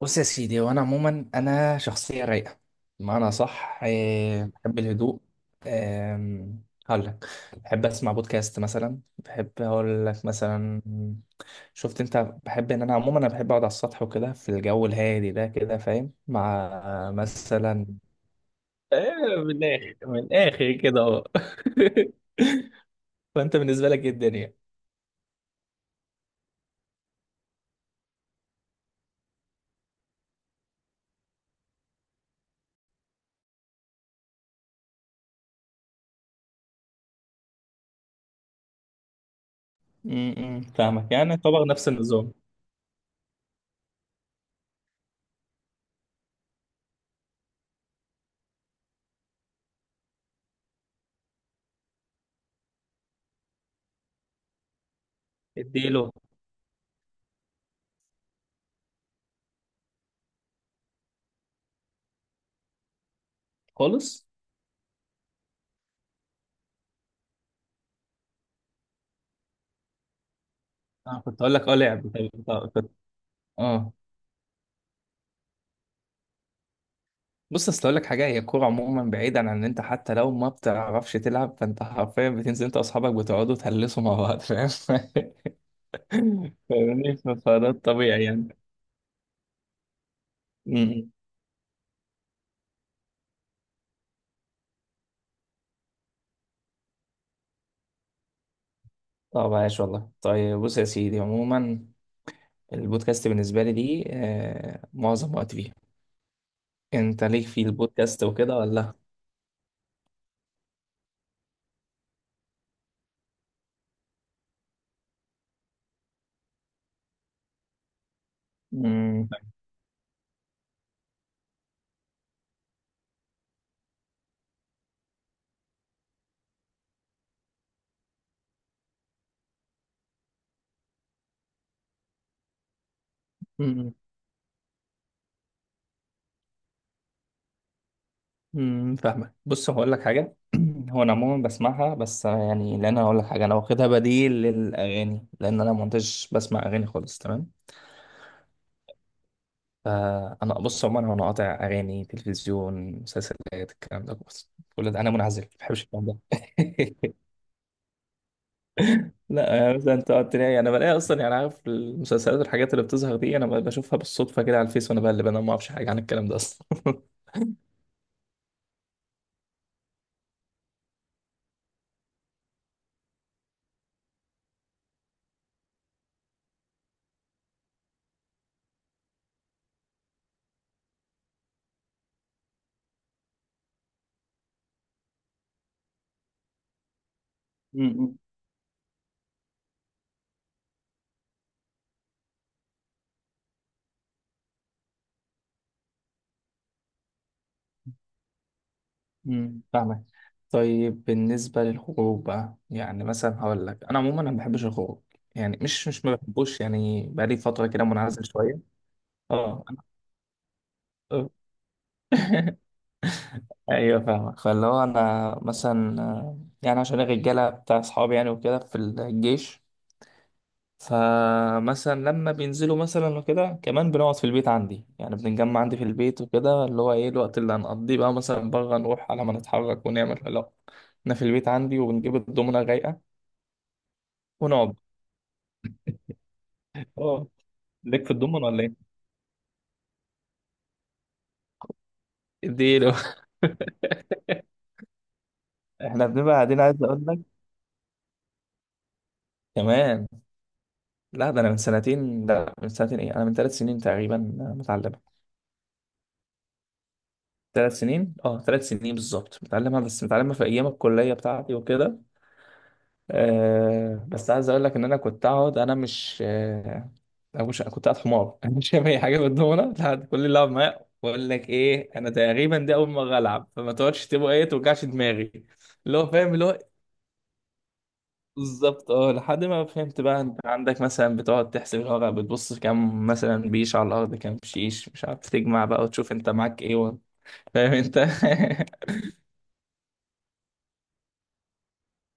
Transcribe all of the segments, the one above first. بص يا سيدي، وانا عموما شخصيه رايقه، بمعنى صح. بحب الهدوء. هقول لك بحب اسمع بودكاست مثلا، بحب اقول لك مثلا، شفت انت، بحب ان انا عموما بحب اقعد على السطح وكده في الجو الهادي ده، كده فاهم، مع مثلا من الاخر كده اهو. فانت بالنسبه لك ايه الدنيا؟ م- م، فاهمك، يعني طبعا نفس النظام. اديله خالص. اه، كنت اقول لك، اه، لعب. طيب، طيب، طيب. اه، بص، اصل اقول لك حاجه، هي الكوره عموما بعيدا عن ان انت حتى لو ما بتعرفش تلعب، فانت حرفيا بتنزل انت واصحابك، بتقعدوا تهلسوا مع بعض، فاهم. فاهمني، فده الطبيعي يعني. م-م. طب عايش، والله. طيب، بص يا سيدي، عموما البودكاست بالنسبه لي دي معظم وقت فيه. انت ليك في البودكاست وكده ولا؟ م-م. امم، فاهمك. بص، هقول لك حاجه. هو انا عموما بسمعها، بس يعني لان انا هقول لك حاجه، انا واخدها بديل للاغاني، لان انا ما كنتش بسمع اغاني خالص، تمام؟ فانا، بص، عموما انا قاطع اغاني، تلفزيون، مسلسلات، الكلام ده، بص، كل ده انا منعزل، ما بحبش الكلام ده. لا، يعني مثلا انت قلت لي، انا بلاقي اصلا يعني، عارف المسلسلات والحاجات اللي بتظهر دي، انا بشوفها بالصدفه كده على الفيس وانا بقلب، انا ما اعرفش حاجه عن الكلام ده اصلا. امم، فاهمك. طيب بالنسبة للخروج بقى، يعني مثلا هقول لك، أنا عموما أنا ما بحبش الخروج، يعني مش ما بحبوش يعني، بقالي فترة كده منعزل شوية. اه، أنا- ايوه فاهمك، فاللي هو انا مثلا يعني عشان الرجاله بتاع اصحابي يعني، وكده في الجيش، فمثلا لما بينزلوا مثلا وكده، كمان بنقعد في البيت عندي، يعني بنتجمع عندي في البيت وكده، اللي هو ايه الوقت اللي هنقضيه بقى، مثلا بره نروح على، ما نتحرك ونعمل، لا، احنا في البيت عندي وبنجيب الدومنة رايقة ونقعد. اه، ليك في الضمن ولا ايه؟ اديله. احنا بنبقى قاعدين، عايز اقول لك كمان، لا، ده انا من سنتين، لا من سنتين، ايه، انا من 3 سنين تقريبا متعلمه. 3 سنين، اه، 3 سنين بالظبط متعلمها، بس متعلمها في ايام الكليه بتاعتي وكده. آه، بس عايز اقول لك ان انا كنت اقعد، انا مش انا مش كنت قاعد حمار. انا مش فاهم اي حاجه بالدومنه، لحد كل اللي لعب معايا بقول لك ايه، انا تقريبا دي اول مره العب، فما تقعدش تبقى ايه توجعش دماغي. اللي هو فاهم، اللي هو بالظبط. اه، لحد ما فهمت بقى انت عندك مثلا، بتقعد تحسب الورق، بتبص كام مثلا بيش على الارض، كام شيش، مش عارف، تجمع بقى وتشوف انت معاك ايه و... فاهم انت.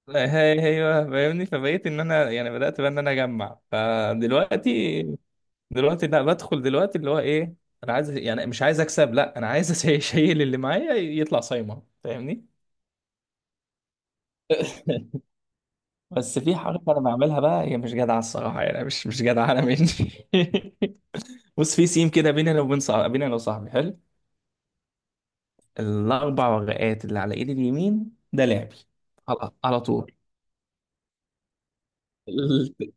هي، ايوه، فاهمني. فبقيت ان انا يعني بدات بقى ان انا اجمع، فدلوقتي دلوقتي لا، بدخل دلوقتي اللي هو ايه، انا عايز، يعني مش عايز اكسب لا، انا عايز اشيل اللي معايا يطلع صايمه، فاهمني. بس في حركه انا بعملها بقى، هي مش جدعه الصراحه يعني، مش جدعه، انا مني. بص، في سيم كده بيننا وبين صاحبي، بيننا انا وصاحبي حلو. الاربع ورقات اللي على ايدي اليمين ده لعبي. على, على طول.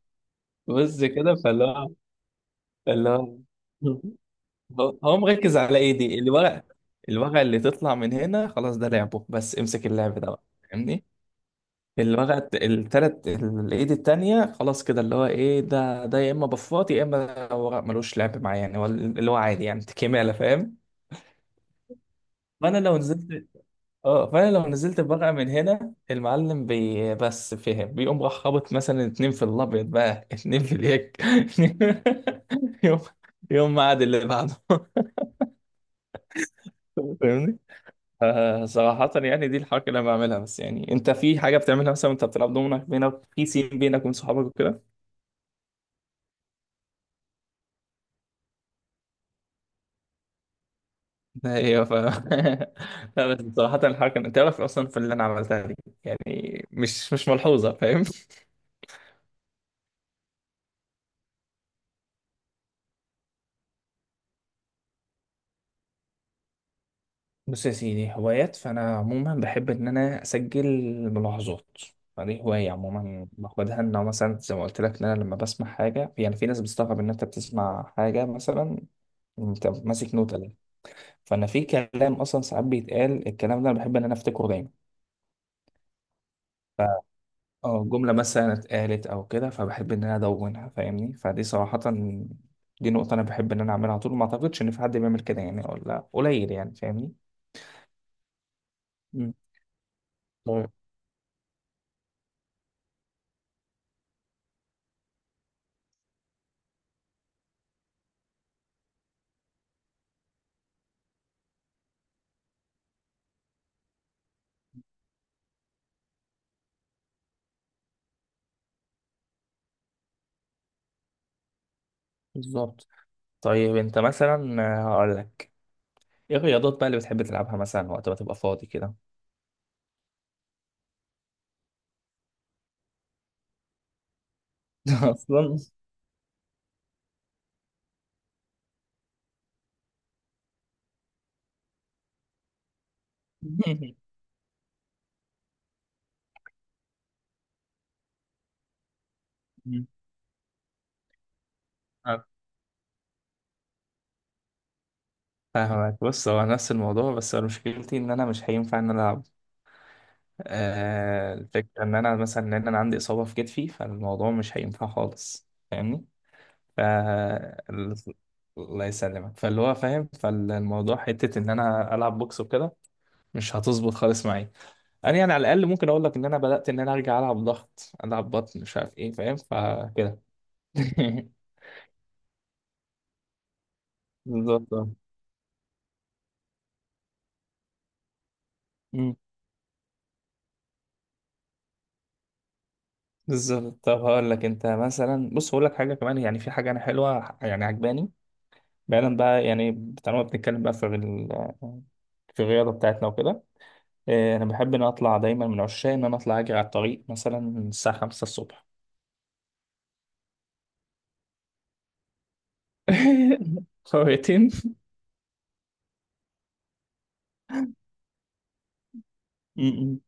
بص كده، فاللي هو، فاللي هو، هو هو مركز على ايدي الورق، الورقه اللي تطلع من هنا خلاص ده لعبه، بس امسك اللعب ده بقى، فاهمني. الورقه التلات الايد التانيه خلاص كده، اللي هو ايه، ده ده يا اما بفاط، يا اما ورق ملوش لعب معايا يعني، هو اللي هو عادي يعني كماله، فاهم. فانا لو نزلت، اه، فانا لو نزلت بورقه من هنا، المعلم بي بس فهم، بيقوم راح خابط مثلا اتنين في الابيض بقى، اتنين في اليك. يوم، يوم ما عاد اللي بعده. فاهمني. آه، صراحة يعني دي الحركة اللي انا بعملها، بس يعني انت في حاجة بتعملها مثلا وانت بتلعب دومنا، بينك في سين بينك وبين صحابك وكده؟ ايوه، ف لا، بس صراحة الحركة انت تعرف اصلا في اللي انا عملتها دي، يعني مش ملحوظة، فاهم. بص يا سيدي، هوايات، فأنا عموما بحب إن أنا أسجل ملاحظات، فدي هواية عموما باخدها، إن أنا مثلا زي ما قلت لك، إن أنا لما بسمع حاجة يعني، في ناس بتستغرب إن أنت بتسمع حاجة مثلا، أنت ماسك نوتة ليه؟ فأنا في كلام أصلا ساعات بيتقال الكلام ده، أنا بحب إن أنا أفتكره دايما. أه جملة مثلا اتقالت أو كده، فبحب إن أنا أدونها، فاهمني. فدي صراحة، دي نقطة أنا بحب إن أنا أعملها على طول، ما أعتقدش إن في حد بيعمل كده يعني، ولا قليل يعني، فاهمني. مم. طيب، بالظبط. طيب انت مثلا، هقول لك، ايه الرياضات بقى اللي بتحب تلعبها مثلا وقت ما تبقى فاضي كده؟ اصلا. فاهمك. بص، هو نفس الموضوع، بس أنا مشكلتي ان انا مش هينفع ان انا العب. آه، الفكره ان انا مثلا ان انا عندي اصابه في كتفي، فالموضوع مش هينفع خالص، فاهمني. ف ال- الله يسلمك، فاللي هو فاهم، فالموضوع حته ان انا العب بوكس وكده مش هتظبط خالص معايا. انا يعني على الاقل ممكن اقول لك ان انا بدات ان انا ارجع العب ضغط، العب بطن، مش عارف ايه، فاهم، فكده. بالظبط. آه. مم. بالظبط. طب هقول لك انت مثلا، بص هقول لك حاجه كمان، يعني في حاجه انا حلوه يعني عجباني، بعيدا بقى، يعني طالما بنتكلم بقى في في الرياضه بتاعتنا وكده. انا بحب ان أنا اطلع دايما، من عشاق ان انا اطلع اجري على الطريق مثلا الساعه 5 الصبح. خريطين. م- م-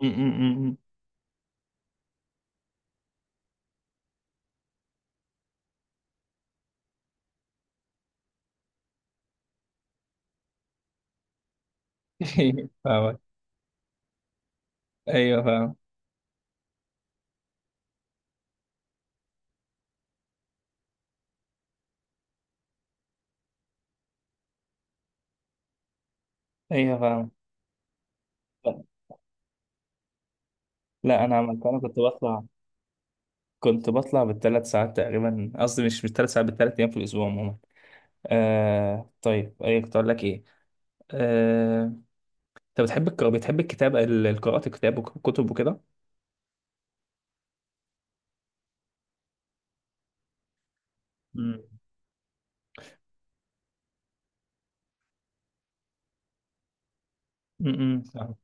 م- م- م- م. فاهمك. ايوه فاهم. ايوه فاهم. لا، انا عملت، انا كنت بطلع، كنت بطلع بال3 ساعات تقريبا، قصدي مش بال3 ساعات، بال3 ايام في الاسبوع عموما. آه، طيب ايه كنت اقول لك ايه، آه، انت بتحب القراءة، بتحب الكتابة، قراءة الكتاب وكتب وكده؟ امم، امم، فاهم.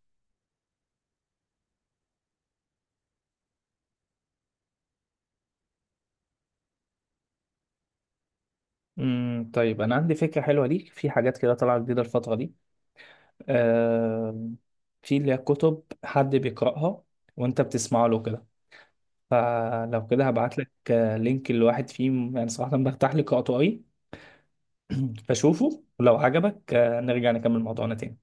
امم، طيب انا عندي فكرة حلوة ليك، في حاجات كده طالعة جديدة الفترة دي، آه، في اللي هي كتب حد بيقرأها وانت بتسمع له كده، فلو كده هبعت لك لينك لواحد فيهم، يعني صراحة برتاح لقراءته قوي، فشوفه ولو عجبك، نرجع نكمل موضوعنا تاني.